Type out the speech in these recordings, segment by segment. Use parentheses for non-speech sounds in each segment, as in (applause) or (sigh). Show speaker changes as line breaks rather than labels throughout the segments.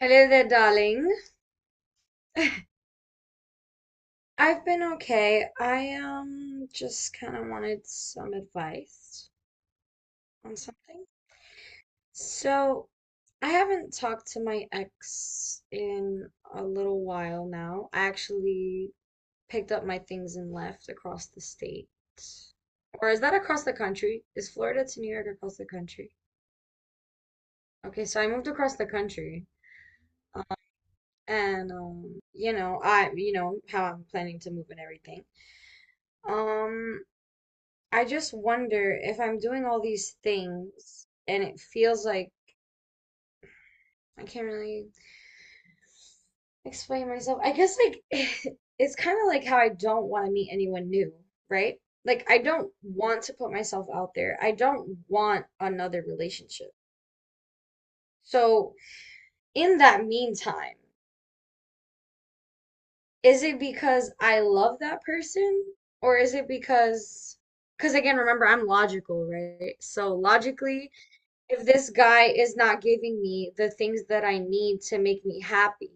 Hello there, darling. (laughs) I've been okay. I just kind of wanted some advice on something. So, I haven't talked to my ex in a little while now. I actually picked up my things and left across the state. Or is that across the country? Is Florida to New York across the country? Okay, so I moved across the country. Um, And You know, I you know how I'm planning to move and everything. Um, I just wonder if I'm doing all these things and it feels like I can't really explain myself. I guess like (laughs) it's kind of like how I don't want to meet anyone new, right? Like I don't want to put myself out there. I don't want another relationship. So in that meantime, is it because I love that person or is it because again, remember I'm logical, right? So logically, if this guy is not giving me the things that I need to make me happy,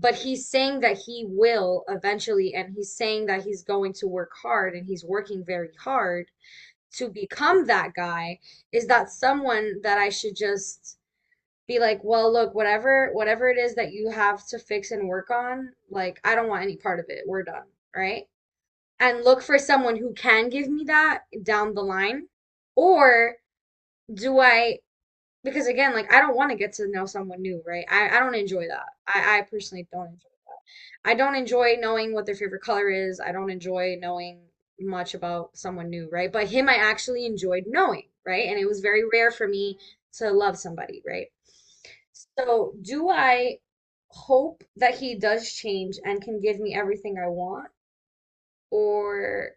but he's saying that he will eventually, and he's saying that he's going to work hard and he's working very hard to become that guy, is that someone that I should just be like, well, look, whatever it is that you have to fix and work on, like, I don't want any part of it. We're done, right? And look for someone who can give me that down the line. Or do I, because again, like I don't want to get to know someone new, right? I don't enjoy that. I personally don't enjoy it. I don't enjoy knowing what their favorite color is. I don't enjoy knowing much about someone new, right? But him I actually enjoyed knowing, right? And it was very rare for me to love somebody, right? So do I hope that he does change and can give me everything I want, or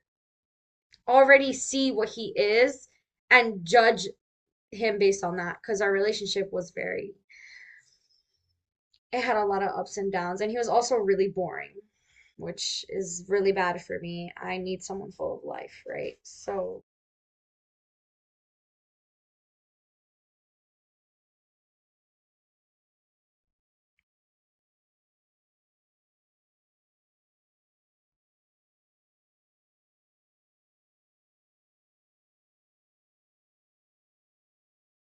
already see what he is and judge him based on that? Because our relationship was very, it had a lot of ups and downs, and he was also really boring, which is really bad for me. I need someone full of life, right? So,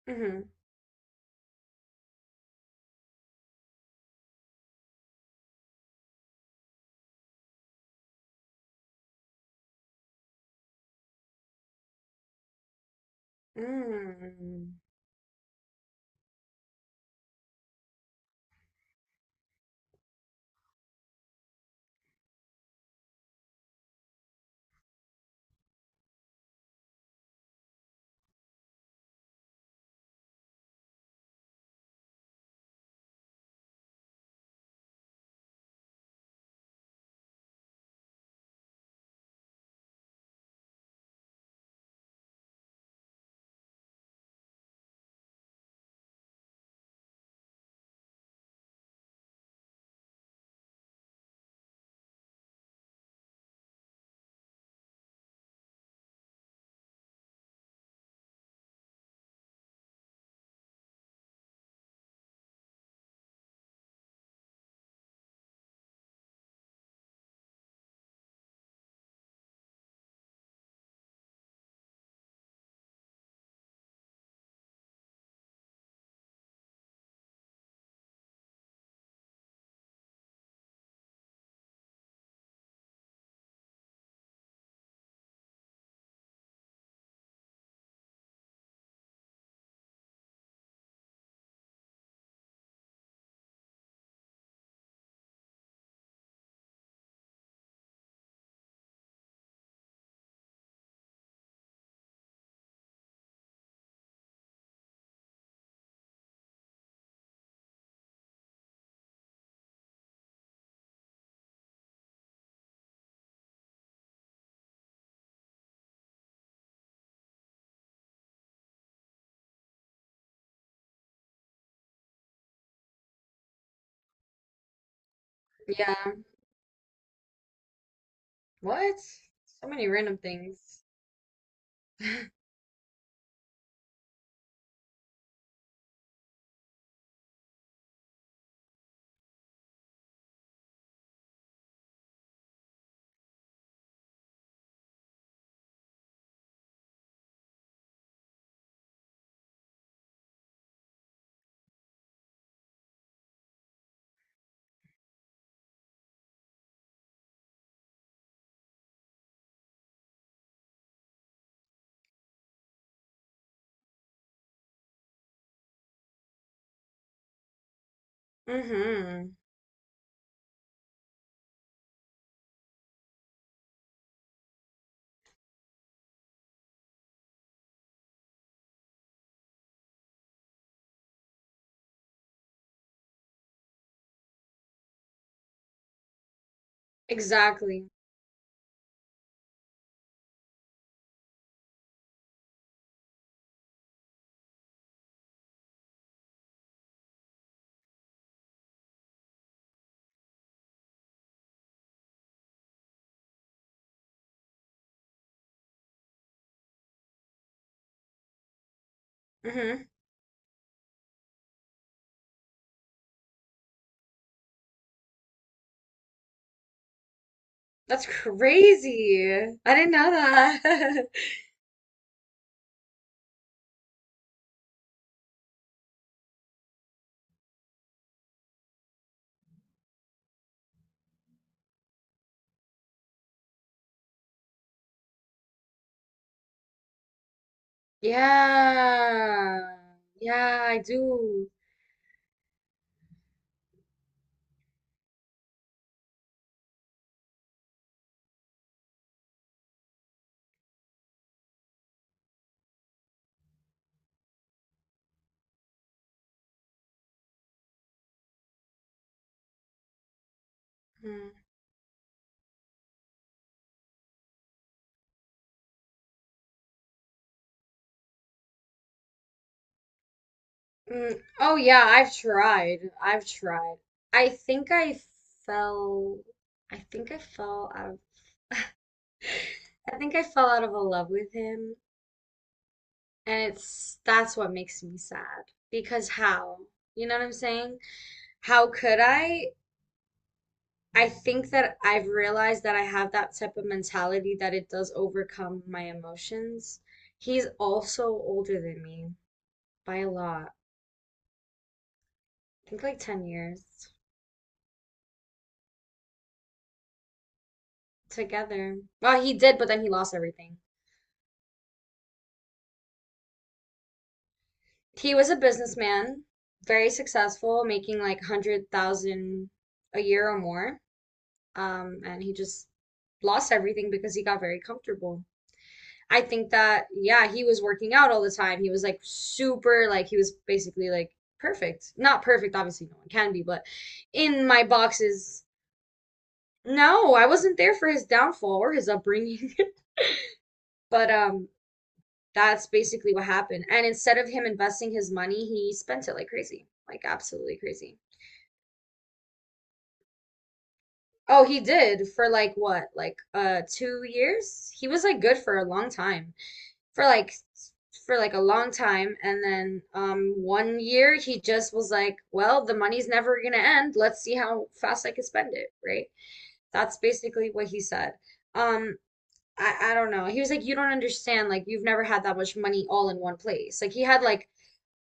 hmm. Mm. Yeah. What? So many random things. Mm-hmm. Exactly. Mm-hmm. That's crazy. I didn't know that. (laughs) Yeah. Yeah, I do. Hmm. Mm. Oh, yeah, I've tried. I've tried. I think I fell. I think I fell out of. (laughs) I think I fell out of a love with him. And it's that's what makes me sad. Because how? You know what I'm saying? How could I? I think that I've realized that I have that type of mentality that it does overcome my emotions. He's also older than me by a lot. I think like 10 years together. Well, he did, but then he lost everything. He was a businessman, very successful, making like 100,000 a year or more. And he just lost everything because he got very comfortable. I think that yeah, he was working out all the time. He was like super, like he was basically like perfect. Not perfect, obviously no one can be, but in my boxes, no, I wasn't there for his downfall or his upbringing. (laughs) But that's basically what happened. And instead of him investing his money, he spent it like crazy. Like absolutely crazy. Oh, he did for like what? Like 2 years? He was like good for a long time. for like for like a long time, and then one year he just was like, well, the money's never gonna end, let's see how fast I can spend it, right? That's basically what he said. Um I I don't know, he was like, you don't understand, like you've never had that much money all in one place. Like he had like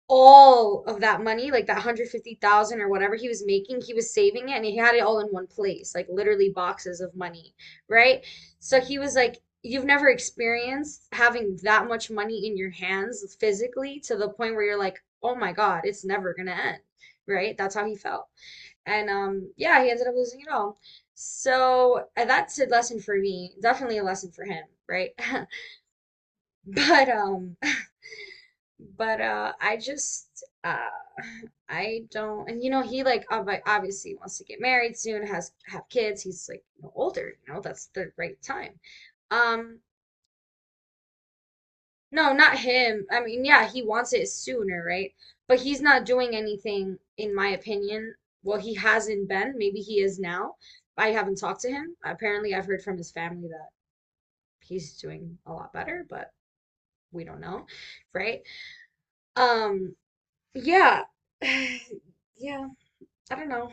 all of that money, like that 150,000 or whatever he was making, he was saving it and he had it all in one place, like literally boxes of money, right? So he was like, you've never experienced having that much money in your hands physically to the point where you're like, oh my God, it's never gonna end, right? That's how he felt. And Yeah, he ended up losing it all. So that's a lesson for me, definitely a lesson for him, right? (laughs) But um but I just (sighs) I don't, and you know he like like, obviously wants to get married soon, has, have kids, he's like, you know, older, you know, that's the right time. Um no, not him. I mean, yeah, he wants it sooner, right? But he's not doing anything in my opinion. Well, he hasn't been, maybe he is now. I haven't talked to him. Apparently, I've heard from his family that he's doing a lot better, but we don't know, right? Um yeah. (sighs) Yeah. I don't know.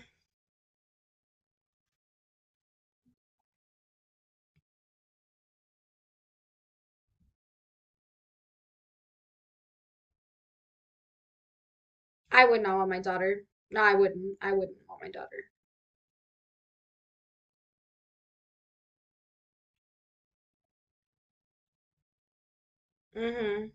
I would not want my daughter. No, I wouldn't. I wouldn't want my daughter. Hmm.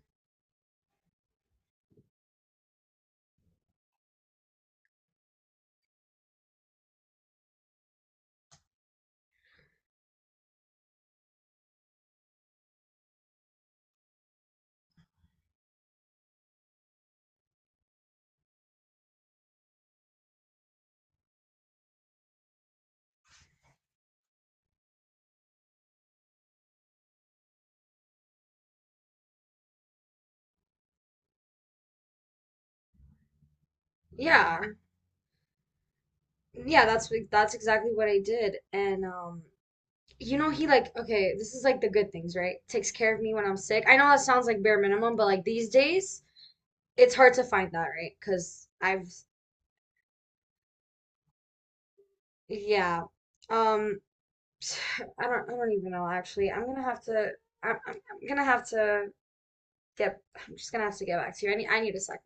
Yeah. Yeah, that's exactly what I did. And you know he like okay, this is like the good things, right? Takes care of me when I'm sick. I know that sounds like bare minimum, but like these days it's hard to find that, right? 'Cause I've, yeah. Um (sighs) I don't even know actually. I'm gonna have to I'm gonna have to get I'm just gonna have to get back to you. I need a second.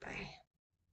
Bye.